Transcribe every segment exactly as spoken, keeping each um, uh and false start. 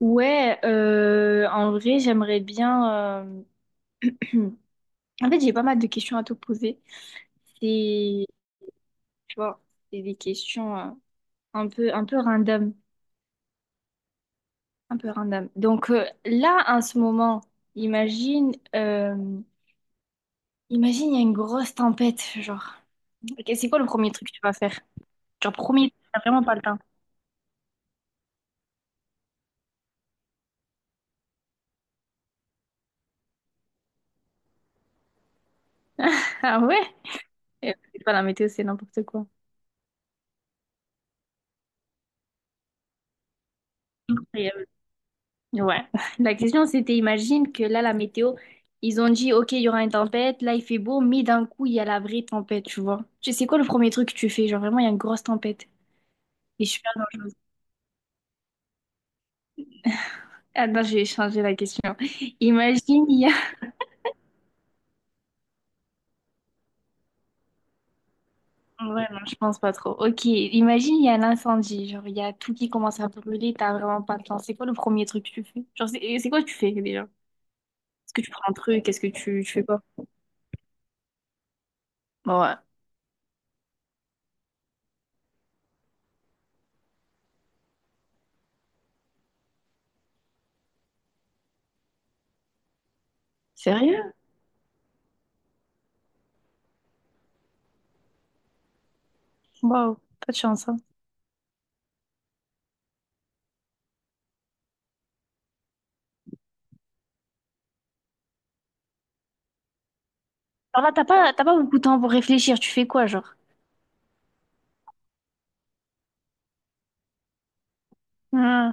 Ouais, euh, en vrai, j'aimerais bien. euh, En fait, j'ai pas mal de questions à te poser. C'est, tu vois, c'est des questions euh, un peu, un peu random, un peu random. Donc euh, là, en ce moment, imagine, euh, imagine, il y a une grosse tempête, genre. Ok, c'est quoi le premier truc que tu vas faire? Genre premier, t'as vraiment pas le temps. Ah ouais? Euh, C'est pas la météo, c'est n'importe quoi. Ouais. La question, c'était, imagine que là, la météo, ils ont dit, OK, il y aura une tempête, là, il fait beau, mais d'un coup, il y a la vraie tempête, tu vois. Tu sais quoi le premier truc que tu fais? Genre, vraiment, il y a une grosse tempête. Et super dangereuse. Ah non, j'ai changé la question. Imagine, il y a... Ouais, non, je pense pas trop. OK, imagine, il y a un incendie. Genre, il y a tout qui commence à brûler, t'as vraiment pas de temps. C'est quoi le premier truc que tu fais? Genre, c'est et c'est quoi que tu fais, déjà? Est-ce que tu prends un truc? Est-ce que tu, tu fais quoi? Ouais. Sérieux? Waouh, pas de chance, hein. Alors là, t'as pas, t'as pas beaucoup de temps pour réfléchir. Tu fais quoi, genre? Hmm.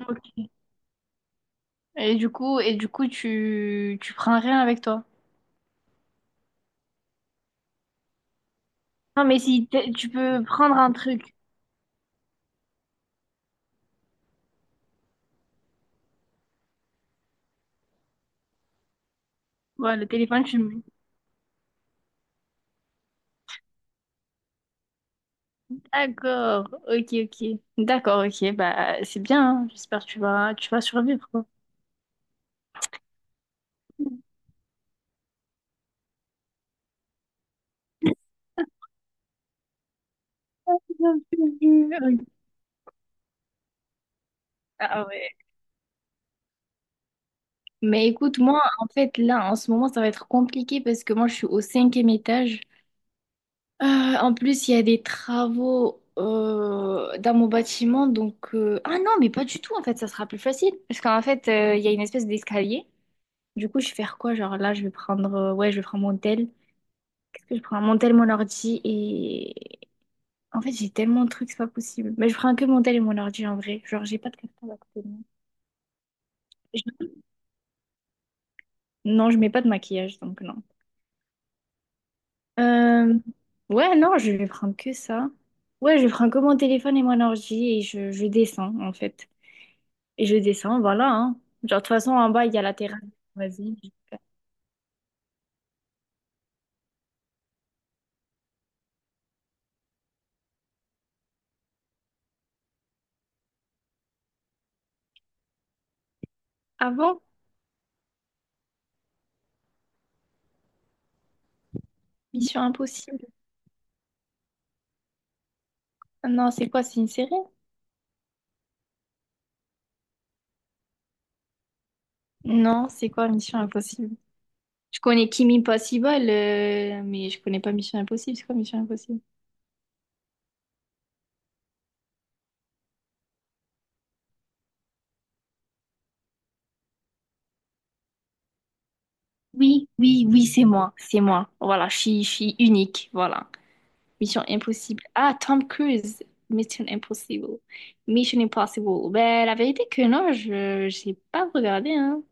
Ok. Et du coup, et du coup, tu, tu prends rien avec toi. Non, mais si t- tu peux prendre un truc. Voilà, le téléphone, tu le mets. D'accord. Ok, ok. D'accord, ok. Bah, c'est bien, hein. J'espère que tu vas, tu vas survivre, quoi. Ah ouais. Mais écoute, moi, en fait, là, en ce moment, ça va être compliqué parce que moi, je suis au cinquième étage. Euh, en plus, il y a des travaux euh, dans mon bâtiment, donc... euh, Ah non, mais pas du tout, en fait, ça sera plus facile. Parce qu'en fait, euh, il y a une espèce d'escalier. Du coup, je vais faire quoi? Genre là, je vais prendre... euh, Ouais, je vais prendre mon tel. Qu'est-ce que je prends? Mon tel, mon ordi et... En fait, j'ai tellement de trucs, c'est pas possible. Mais je prends que mon tel et mon ordi, en vrai. Genre, j'ai pas de cartable à côté de moi. Je- Non, je mets pas de maquillage, donc non. Euh, Ouais, non, je vais prendre que ça. Ouais, je prends que mon téléphone et mon ordi et je, je descends, en fait. Et je descends, voilà, hein. Genre, de toute façon, en bas, il y a la terrasse. Vas-y. Avant, Mission Impossible. Non, c'est quoi? C'est une série? Non, c'est quoi Mission Impossible? Je connais Kimi Possible, euh, mais je connais pas Mission Impossible. C'est quoi Mission Impossible? Oui, oui, oui, c'est moi. C'est moi. Voilà, je suis, je suis unique. Voilà. Mission Impossible. Ah, Tom Cruise. Mission Impossible. Mission Impossible. Ben, la vérité que non, je j'ai pas regardé, hein.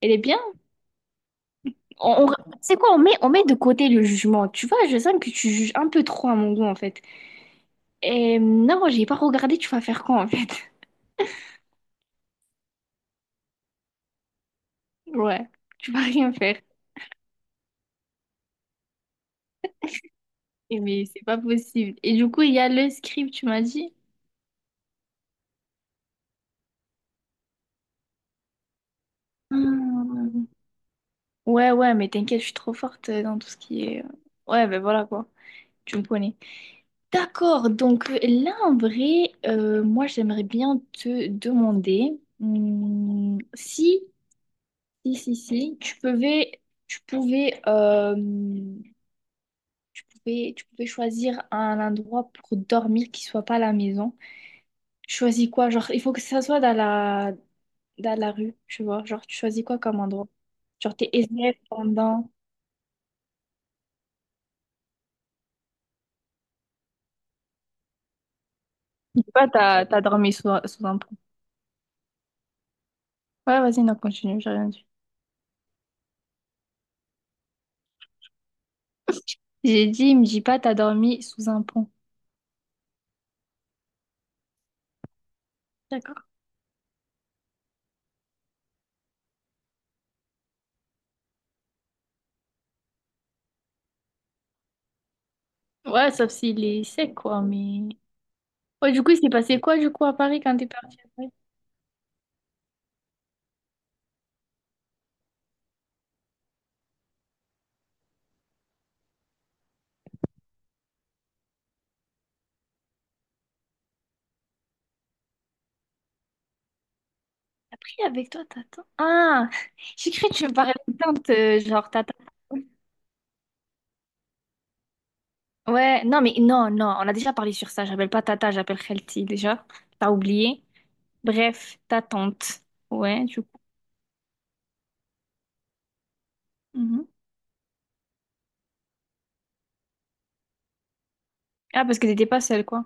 Elle est bien? On, on- c'est quoi, on met, on met de côté le jugement. Tu vois, je sens que tu juges un peu trop à mon goût, en fait. Et non, j'ai pas regardé, tu vas faire quoi, en fait? Ouais, tu vas rien faire. Et mais c'est pas possible. Et du coup, il y a le script, tu m'as dit? Hmm. Ouais, ouais, mais t'inquiète, je suis trop forte euh, dans tout ce qui est... euh, Ouais, ben voilà, quoi. Tu me connais. D'accord, donc euh, là, en vrai, euh, moi, j'aimerais bien te demander hmm, si... Si, si, si, tu pouvais, tu pouvais, euh, tu pouvais, tu pouvais choisir un endroit pour dormir qui soit pas la maison. Tu choisis quoi? Genre, il faut que ça soit dans la, dans la rue, tu vois. Genre, tu choisis quoi comme endroit? Genre, t'es S D F pendant... Je dis pas, t'as, t'as dormi sous, sous un pont. Ouais, vas-y, non, continue, j'ai rien dit. J'ai dit, il me dit pas, t'as dormi sous un pont. D'accord. Ouais, sauf s'il est sec, quoi, mais... Ouais, du coup, il s'est passé quoi, du coup, à Paris quand t'es parti? Après, avec toi, t'attends. Ah, j'ai cru que tu me parlais de teinte, euh, genre tata. Ouais, non, mais non, non, on a déjà parlé sur ça. J'appelle pas tata, j'appelle Khelti déjà. T'as oublié. Bref, ta tante. Ouais, du coup. Mhm. Ah, parce que t'étais pas seule, quoi.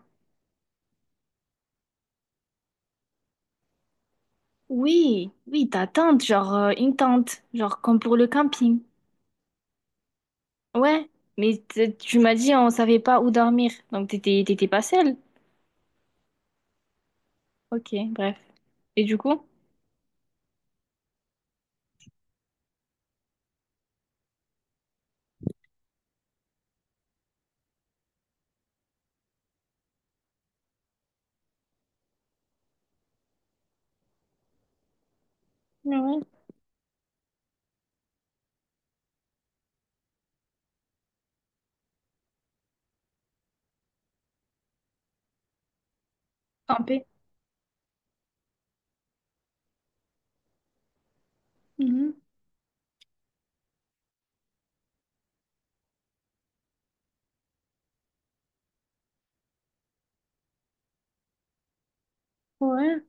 Oui, oui, ta tante, genre euh, une tente, genre comme pour le camping. Ouais, mais t- tu m'as dit on savait pas où dormir, donc t'étais t'étais pas seule. Ok, bref. Et du coup? Ouais, campé. Mhm. Ouais.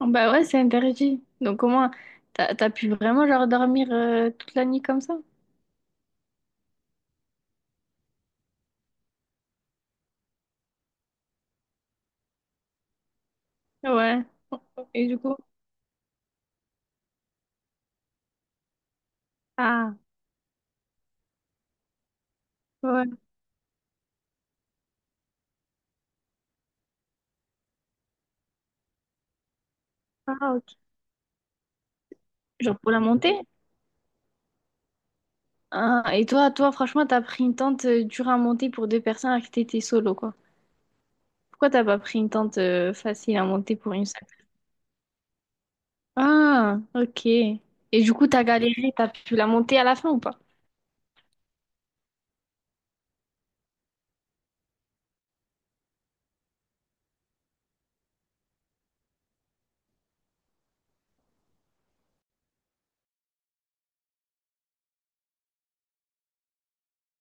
Ah bah ouais, c'est interdit. Donc au moins, t'as, t'as pu vraiment genre dormir euh, toute la nuit comme ça? Ouais. Et du coup? Ah, ouais. Ah, ok. Genre pour la montée? Ah, et toi, toi, franchement, t'as pris une tente euh, dure à monter pour deux personnes alors que t'étais solo, quoi. Pourquoi t'as pas pris une tente euh, facile à monter pour une seule? Ah, ok. Et du coup, t'as galéré, t'as pu la monter à la fin ou pas?